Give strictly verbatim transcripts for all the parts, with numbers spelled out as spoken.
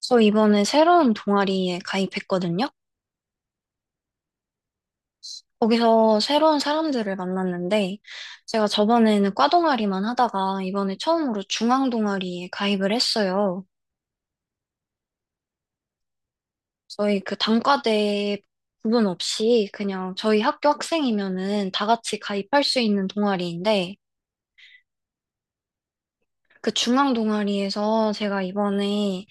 저 이번에 새로운 동아리에 가입했거든요. 거기서 새로운 사람들을 만났는데, 제가 저번에는 과 동아리만 하다가 이번에 처음으로 중앙 동아리에 가입을 했어요. 저희 그 단과대 구분 없이 그냥 저희 학교 학생이면은 다 같이 가입할 수 있는 동아리인데, 그 중앙 동아리에서 제가 이번에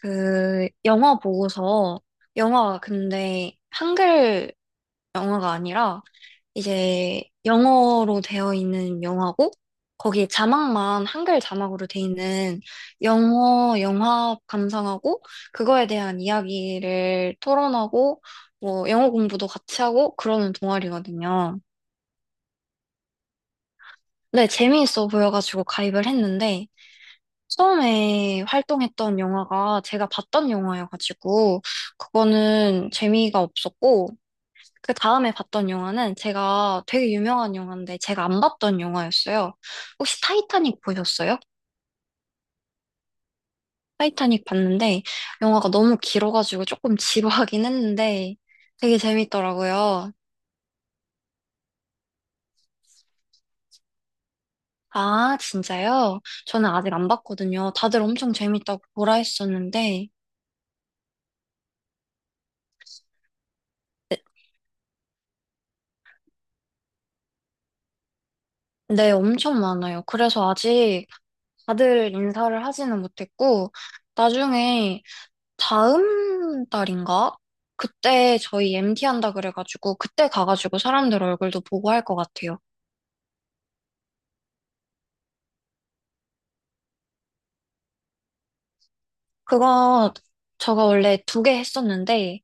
그 영어 보고서, 영어가 근데 한글 영어가 아니라 이제 영어로 되어 있는 영화고 거기에 자막만 한글 자막으로 돼 있는 영어 영화 감상하고 그거에 대한 이야기를 토론하고 뭐 영어 공부도 같이 하고 그러는 동아리거든요. 근데 재미있어 보여가지고 가입을 했는데 처음에 활동했던 영화가 제가 봤던 영화여가지고 그거는 재미가 없었고 그 다음에 봤던 영화는 제가 되게 유명한 영화인데 제가 안 봤던 영화였어요. 혹시 타이타닉 보셨어요? 타이타닉 봤는데 영화가 너무 길어가지고 조금 지루하긴 했는데 되게 재밌더라고요. 아, 진짜요? 저는 아직 안 봤거든요. 다들 엄청 재밌다고 보라 했었는데 네, 엄청 많아요. 그래서 아직 다들 인사를 하지는 못했고 나중에 다음 달인가? 그때 저희 엠티 한다 그래가지고 그때 가가지고 사람들 얼굴도 보고 할 것 같아요. 그거 저가 원래 두 개 했었는데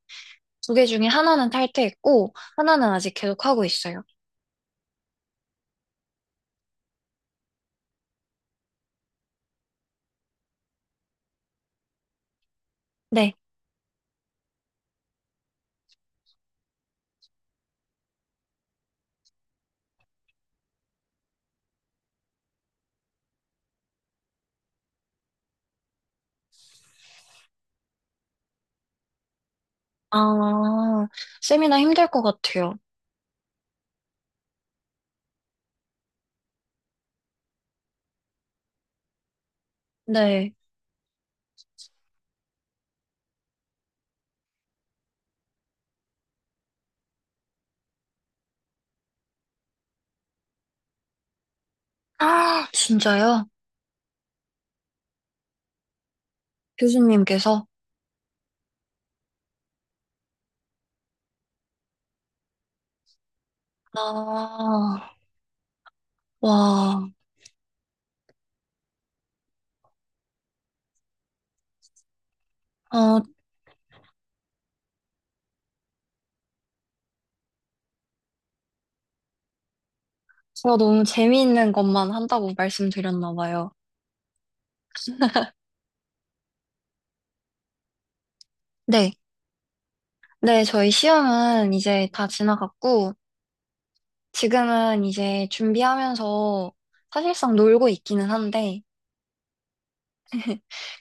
두 개 중에 하나는 탈퇴했고 하나는 아직 계속 하고 있어요. 네. 아, 세미나 힘들 것 같아요. 네. 아, 진짜요? 교수님께서? 아, 와. 어, 제가 너무 재미있는 것만 한다고 말씀드렸나 봐요. 네. 네, 저희 시험은 이제 다 지나갔고, 지금은 이제 준비하면서 사실상 놀고 있기는 한데,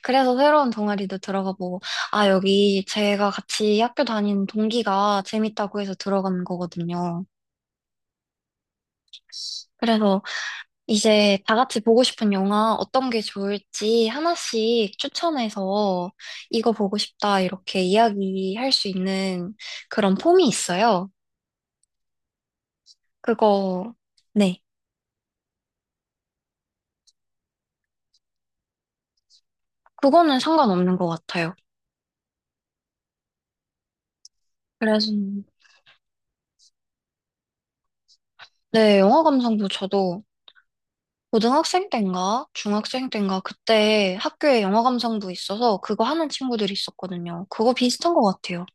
그래서 새로운 동아리도 들어가 보고, 아, 여기 제가 같이 학교 다니는 동기가 재밌다고 해서 들어간 거거든요. 그래서 이제 다 같이 보고 싶은 영화 어떤 게 좋을지 하나씩 추천해서 이거 보고 싶다 이렇게 이야기할 수 있는 그런 폼이 있어요. 그거, 네. 그거는 상관없는 것 같아요. 그래서 네, 영어 감상부 저도 고등학생 때인가 중학생 때인가 그때 학교에 영어 감상부 있어서 그거 하는 친구들이 있었거든요. 그거 비슷한 것 같아요.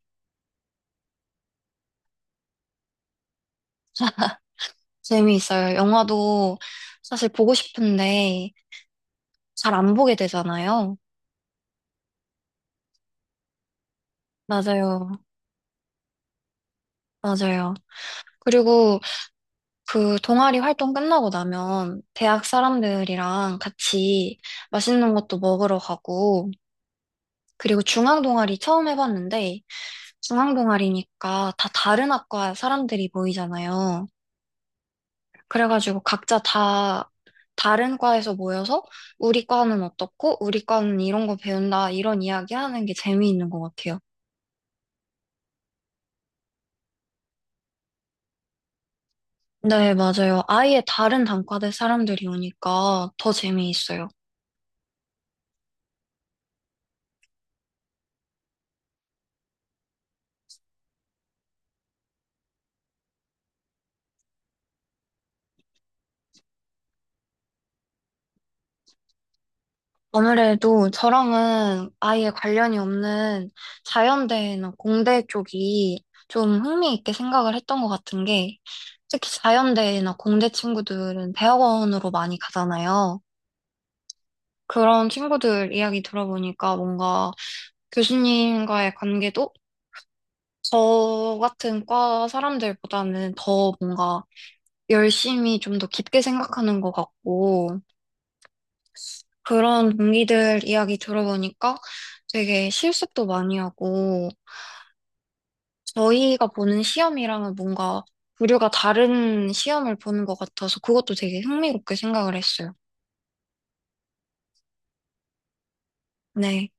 재미있어요. 영화도 사실 보고 싶은데 잘 안 보게 되잖아요. 맞아요. 맞아요. 그리고 그 동아리 활동 끝나고 나면 대학 사람들이랑 같이 맛있는 것도 먹으러 가고 그리고 중앙 동아리 처음 해봤는데 중앙동아리니까 다 다른 학과 사람들이 모이잖아요. 그래가지고 각자 다 다른 과에서 모여서 우리 과는 어떻고 우리 과는 이런 거 배운다 이런 이야기 하는 게 재미있는 것 같아요. 네, 맞아요. 아예 다른 단과대 사람들이 오니까 더 재미있어요. 아무래도 저랑은 아예 관련이 없는 자연대나 공대 쪽이 좀 흥미있게 생각을 했던 것 같은 게 특히 자연대나 공대 친구들은 대학원으로 많이 가잖아요. 그런 친구들 이야기 들어보니까 뭔가 교수님과의 관계도 저 같은 과 사람들보다는 더 뭔가 열심히 좀 더 깊게 생각하는 것 같고 그런 동기들 이야기 들어보니까 되게 실습도 많이 하고 저희가 보는 시험이랑은 뭔가 부류가 다른 시험을 보는 것 같아서 그것도 되게 흥미롭게 생각을 했어요. 네,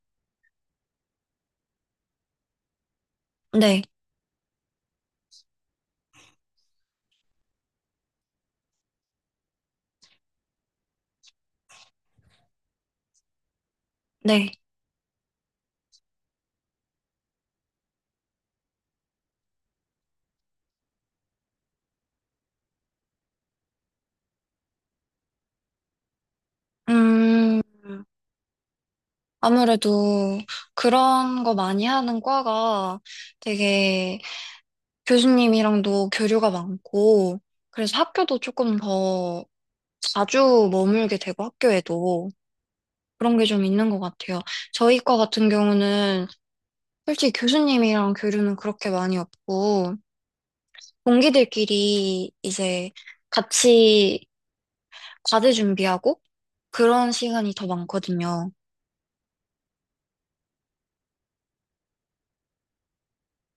네, 네. 음, 아무래도 그런 거 많이 하는 과가 되게 교수님이랑도 교류가 많고 그래서 학교도 조금 더 자주 머물게 되고 학교에도 그런 게 좀 있는 것 같아요. 저희 과 같은 경우는 솔직히 교수님이랑 교류는 그렇게 많이 없고, 동기들끼리 이제 같이 과제 준비하고 그런 시간이 더 많거든요.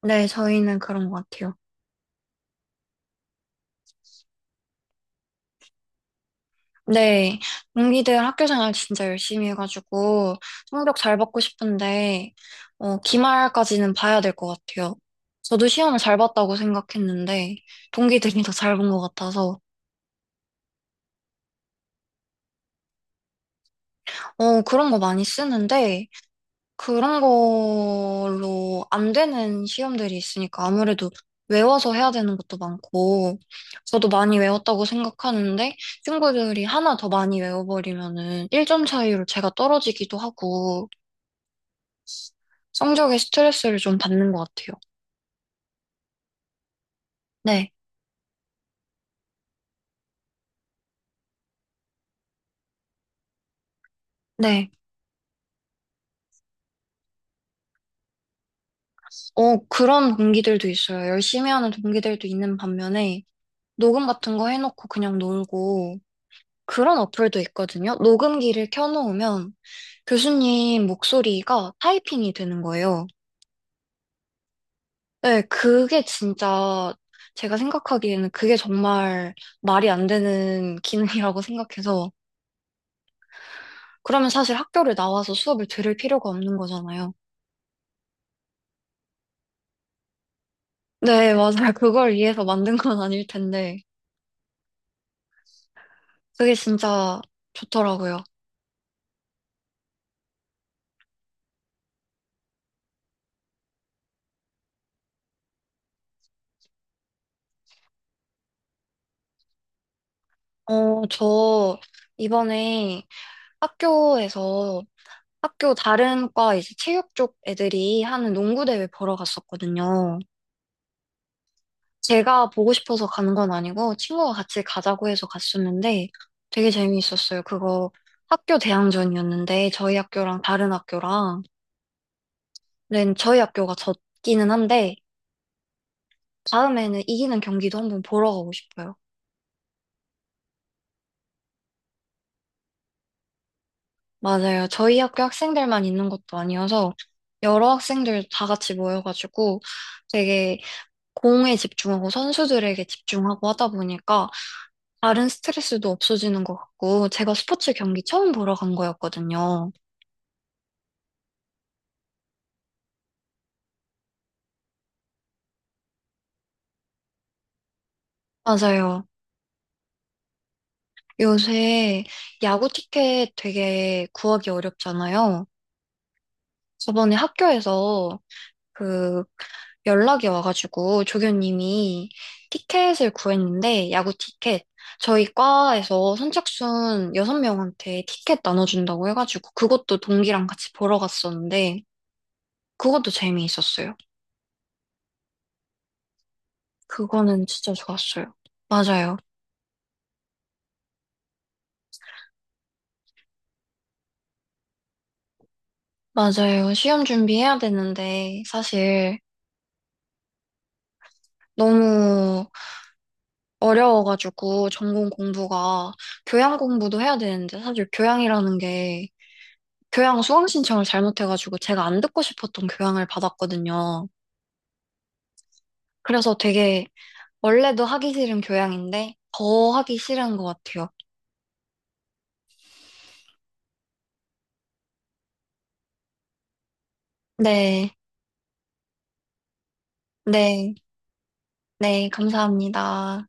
네, 저희는 그런 것 같아요. 네, 동기들 학교 생활 진짜 열심히 해가지고 성적 잘 받고 싶은데, 어, 기말까지는 봐야 될 것 같아요. 저도 시험을 잘 봤다고 생각했는데, 동기들이 더 잘 본 것 같아서, 어, 그런 거 많이 쓰는데, 그런 걸로 안 되는 시험들이 있으니까 아무래도 외워서 해야 되는 것도 많고, 저도 많이 외웠다고 생각하는데, 친구들이 하나 더 많이 외워버리면은 일 점 차이로 제가 떨어지기도 하고, 성적에 스트레스를 좀 받는 것 같아요. 네, 네. 어, 그런 동기들도 있어요. 열심히 하는 동기들도 있는 반면에, 녹음 같은 거 해놓고 그냥 놀고, 그런 어플도 있거든요. 녹음기를 켜놓으면 교수님 목소리가 타이핑이 되는 거예요. 네, 그게 진짜 제가 생각하기에는 그게 정말 말이 안 되는 기능이라고 생각해서 그러면 사실 학교를 나와서 수업을 들을 필요가 없는 거잖아요. 네, 맞아요. 그걸 위해서 만든 건 아닐 텐데 그게 진짜 좋더라고요. 어, 저 이번에 학교에서 학교 다른 과 이제 체육 쪽 애들이 하는 농구 대회 보러 갔었거든요. 제가 보고 싶어서 가는 건 아니고 친구가 같이 가자고 해서 갔었는데 되게 재미있었어요. 그거 학교 대항전이었는데 저희 학교랑 다른 학교랑 는 저희 학교가 졌기는 한데 다음에는 이기는 경기도 한번 보러 가고 싶어요. 맞아요. 저희 학교 학생들만 있는 것도 아니어서 여러 학생들 다 같이 모여가지고 되게 공에 집중하고 선수들에게 집중하고 하다 보니까 다른 스트레스도 없어지는 것 같고, 제가 스포츠 경기 처음 보러 간 거였거든요. 맞아요. 요새 야구 티켓 되게 구하기 어렵잖아요. 저번에 학교에서 그 연락이 와가지고 조교님이 티켓을 구했는데, 야구 티켓. 저희 과에서 선착순 여섯 명한테 티켓 나눠준다고 해가지고, 그것도 동기랑 같이 보러 갔었는데, 그것도 재미있었어요. 그거는 진짜 좋았어요. 맞아요. 맞아요. 시험 준비해야 되는데, 사실 너무 어려워가지고, 전공 공부가, 교양 공부도 해야 되는데, 사실 교양이라는 게, 교양 수강 신청을 잘못해가지고, 제가 안 듣고 싶었던 교양을 받았거든요. 그래서 되게, 원래도 하기 싫은 교양인데, 더 하기 싫은 것 같아요. 네, 네, 네, 감사합니다.